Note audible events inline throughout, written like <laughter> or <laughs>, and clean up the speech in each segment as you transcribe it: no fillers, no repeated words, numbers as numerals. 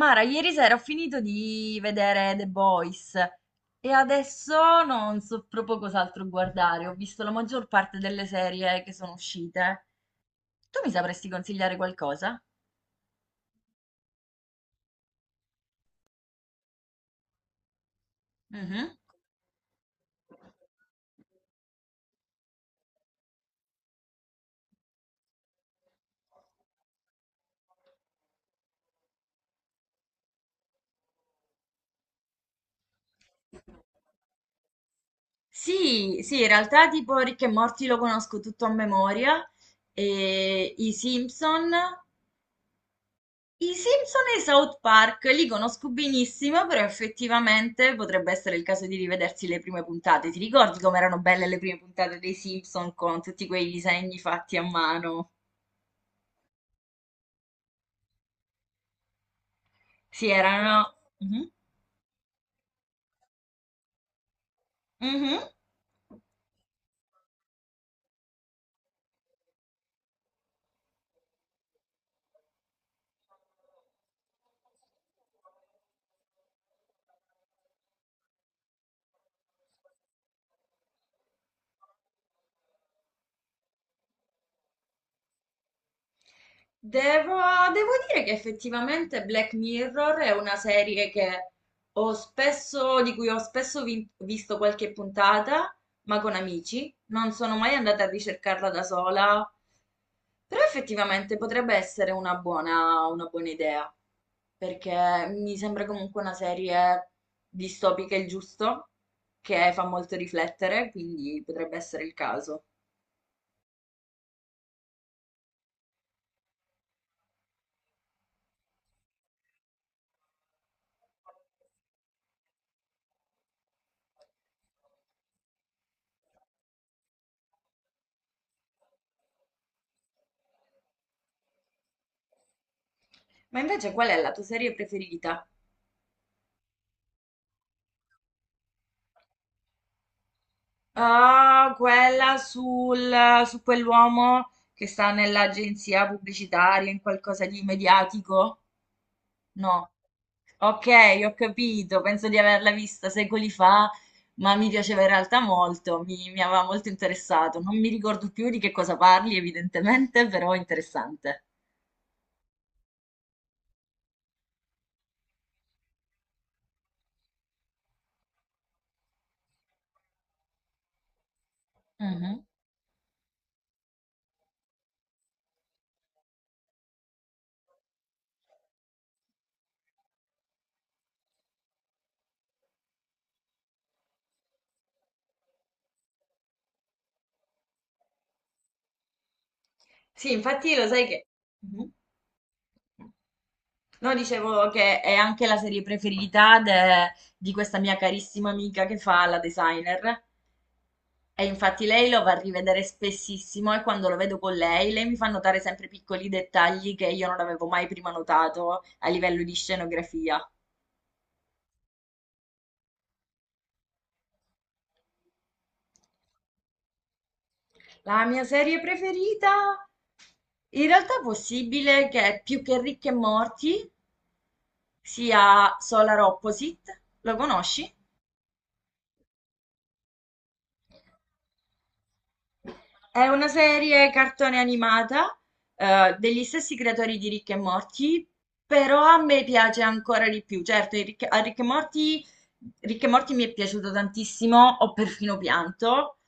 Mara, ieri sera ho finito di vedere The Boys e adesso non so proprio cos'altro guardare. Ho visto la maggior parte delle serie che sono uscite. Tu mi sapresti consigliare qualcosa? Mhm. Sì, sì, in realtà tipo Rick e Morty lo conosco tutto a memoria e i Simpson e i South Park li conosco benissimo, però effettivamente potrebbe essere il caso di rivedersi le prime puntate. Ti ricordi com'erano belle le prime puntate dei Simpson con tutti quei disegni fatti a mano? Sì, erano. Mhm, mhm. Devo, devo dire che effettivamente Black Mirror è una serie che di cui ho spesso visto qualche puntata, ma con amici. Non sono mai andata a ricercarla da sola. Però effettivamente potrebbe essere una una buona idea, perché mi sembra comunque una serie distopica il giusto, che fa molto riflettere, quindi potrebbe essere il caso. Ma invece qual è la tua serie preferita? Ah, quella sul, su quell'uomo che sta nell'agenzia pubblicitaria, in qualcosa di mediatico. No. Ok, ho capito, penso di averla vista secoli fa, ma mi piaceva in realtà molto, mi aveva molto interessato. Non mi ricordo più di che cosa parli, evidentemente, <laughs> però è interessante. Mhm. Sì, infatti lo sai che. Mhm. No, dicevo che è anche la serie preferita di questa mia carissima amica che fa la designer. E infatti lei lo va a rivedere spessissimo e quando lo vedo con lei, lei mi fa notare sempre piccoli dettagli che io non avevo mai prima notato a livello di scenografia. La mia serie preferita, in realtà è possibile che più che Ricche e Morti sia Solar Opposite. Lo conosci? È una serie cartone animata, degli stessi creatori di Rick e Morty, però a me piace ancora di più. Certo, a Rick e Morty mi è piaciuto tantissimo, ho perfino pianto,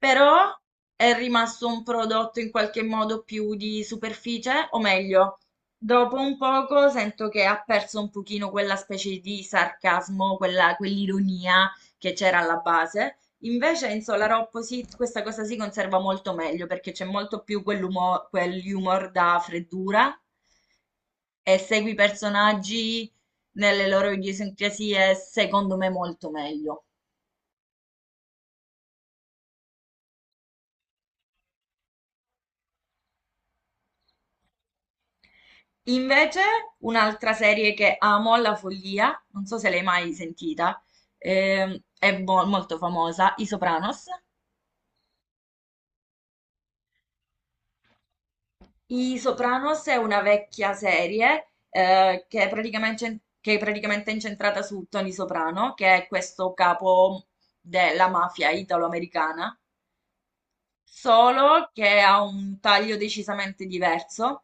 però è rimasto un prodotto in qualche modo più di superficie, o meglio, dopo un poco sento che ha perso un pochino quella specie di sarcasmo, quell'ironia che c'era alla base. Invece in Solar Opposite questa cosa si conserva molto meglio perché c'è molto più quell'humor da freddura e segui i personaggi nelle loro idiosincrasie, secondo me, molto meglio. Invece, un'altra serie che amo alla follia, non so se l'hai mai sentita, è molto famosa, I Sopranos. I Sopranos è una vecchia serie che è praticamente incentrata su Tony Soprano, che è questo capo della mafia italo-americana. Solo che ha un taglio decisamente diverso,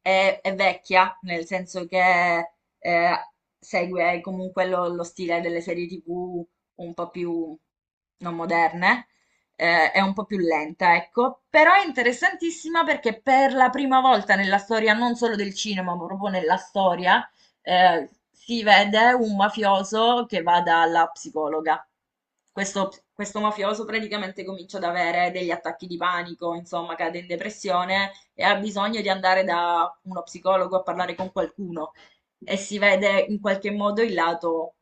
è vecchia, nel senso che eh, segue comunque lo stile delle serie TV un po' più non moderne, è un po' più lenta, ecco, però è interessantissima perché per la prima volta nella storia, non solo del cinema, ma proprio nella storia, si vede un mafioso che va dalla psicologa. Questo mafioso praticamente comincia ad avere degli attacchi di panico, insomma, cade in depressione e ha bisogno di andare da uno psicologo a parlare con qualcuno. E si vede in qualche modo il lato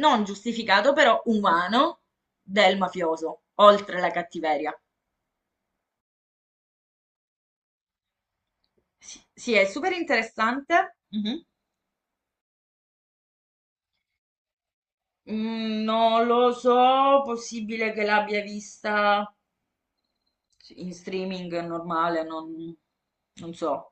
non giustificato, però umano del mafioso, oltre la cattiveria. Sì, sì, è super interessante. Mhm. Mm, non lo so, possibile che l'abbia vista in streaming normale, non so.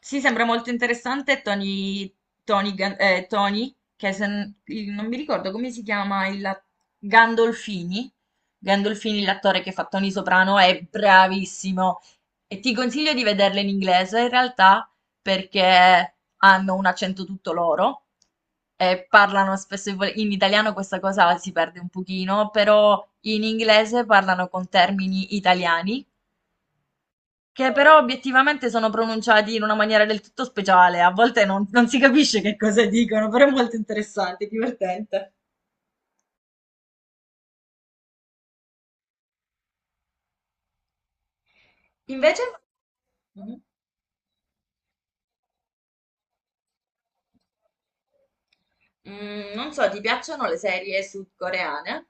Sì, sembra molto interessante Tony, che se n- il- non mi ricordo come si chiama il Gandolfini. Gandolfini, l'attore che fa Tony Soprano, è bravissimo. E ti consiglio di vederle in inglese, in realtà, perché hanno un accento tutto loro e parlano spesso e in italiano questa cosa si perde un pochino, però in inglese parlano con termini italiani. Che però obiettivamente sono pronunciati in una maniera del tutto speciale, a volte non si capisce che cosa dicono, però è molto interessante, divertente. Invece, mhm, non so, ti piacciono le serie sudcoreane?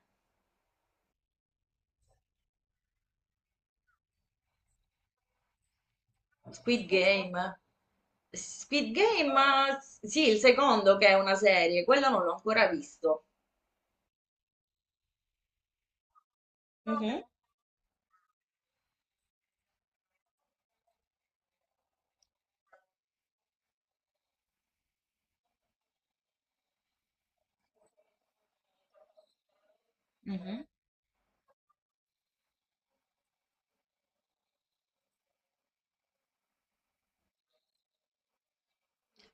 Squid Game. Squid Game, eh, sì, il secondo che è una serie, quello non l'ho ancora visto. Mhm. Mhm.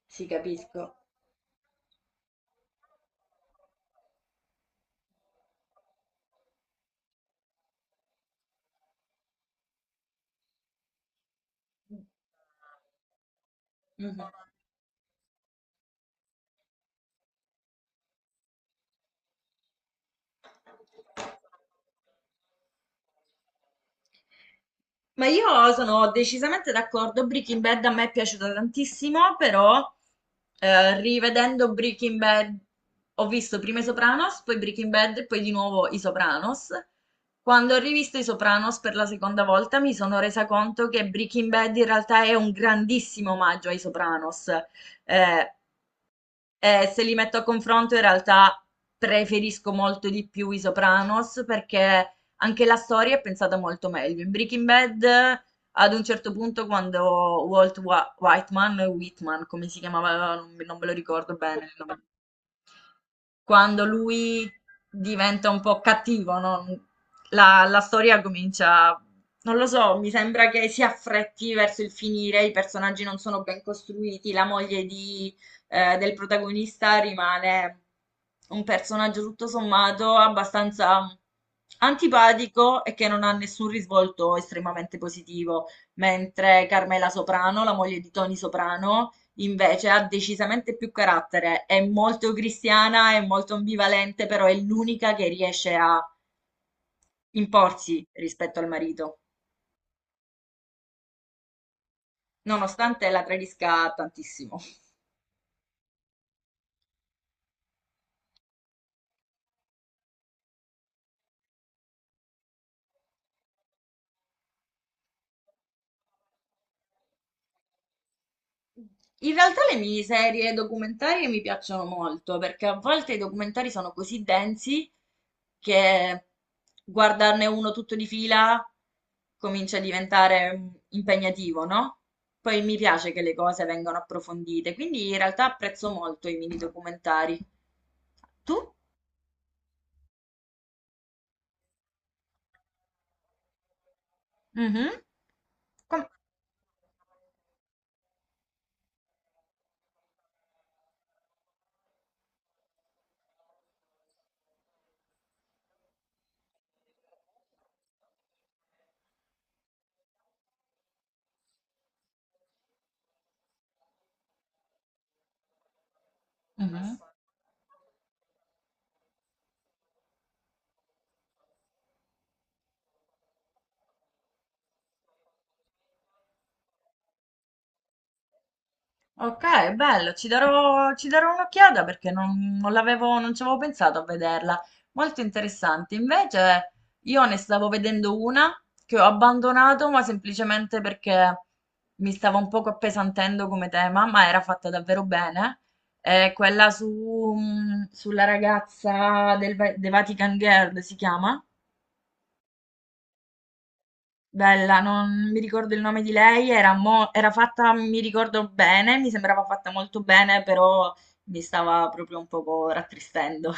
Sì, capisco. Mhm. Ma io sono decisamente d'accordo. Breaking Bad a me è piaciuta tantissimo, però rivedendo Breaking Bad ho visto prima i Sopranos, poi Breaking Bad e poi di nuovo i Sopranos. Quando ho rivisto i Sopranos per la seconda volta mi sono resa conto che Breaking Bad in realtà è un grandissimo omaggio ai Sopranos. Eh, Se li metto a confronto, in realtà preferisco molto di più i Sopranos perché anche la storia è pensata molto meglio. In Breaking Bad, ad un certo punto, quando Whiteman, Whitman, come si chiamava, non me lo ricordo bene il nome, quando lui diventa un po' cattivo, no? La storia comincia, non lo so, mi sembra che si affretti verso il finire, i personaggi non sono ben costruiti, la moglie di, del protagonista rimane un personaggio tutto sommato abbastanza antipatico e che non ha nessun risvolto estremamente positivo, mentre Carmela Soprano, la moglie di Tony Soprano, invece ha decisamente più carattere, è molto cristiana, è molto ambivalente, però è l'unica che riesce a imporsi rispetto al marito, nonostante la tradisca tantissimo. In realtà le miniserie documentarie mi piacciono molto perché a volte i documentari sono così densi che guardarne uno tutto di fila comincia a diventare impegnativo, no? Poi mi piace che le cose vengano approfondite, quindi in realtà apprezzo molto i mini documentari. Tu? Mhm. Com- Mhm. Ok, bello, ci darò un'occhiata perché non ci avevo pensato a vederla. Molto interessante. Invece io ne stavo vedendo una che ho abbandonato, ma semplicemente perché mi stava un poco appesantendo come tema, ma era fatta davvero bene. È quella su, sulla ragazza del The Vatican Girl, si chiama? Bella, non mi ricordo il nome di lei, era fatta, mi ricordo bene, mi sembrava fatta molto bene, però mi stava proprio un poco rattristendo.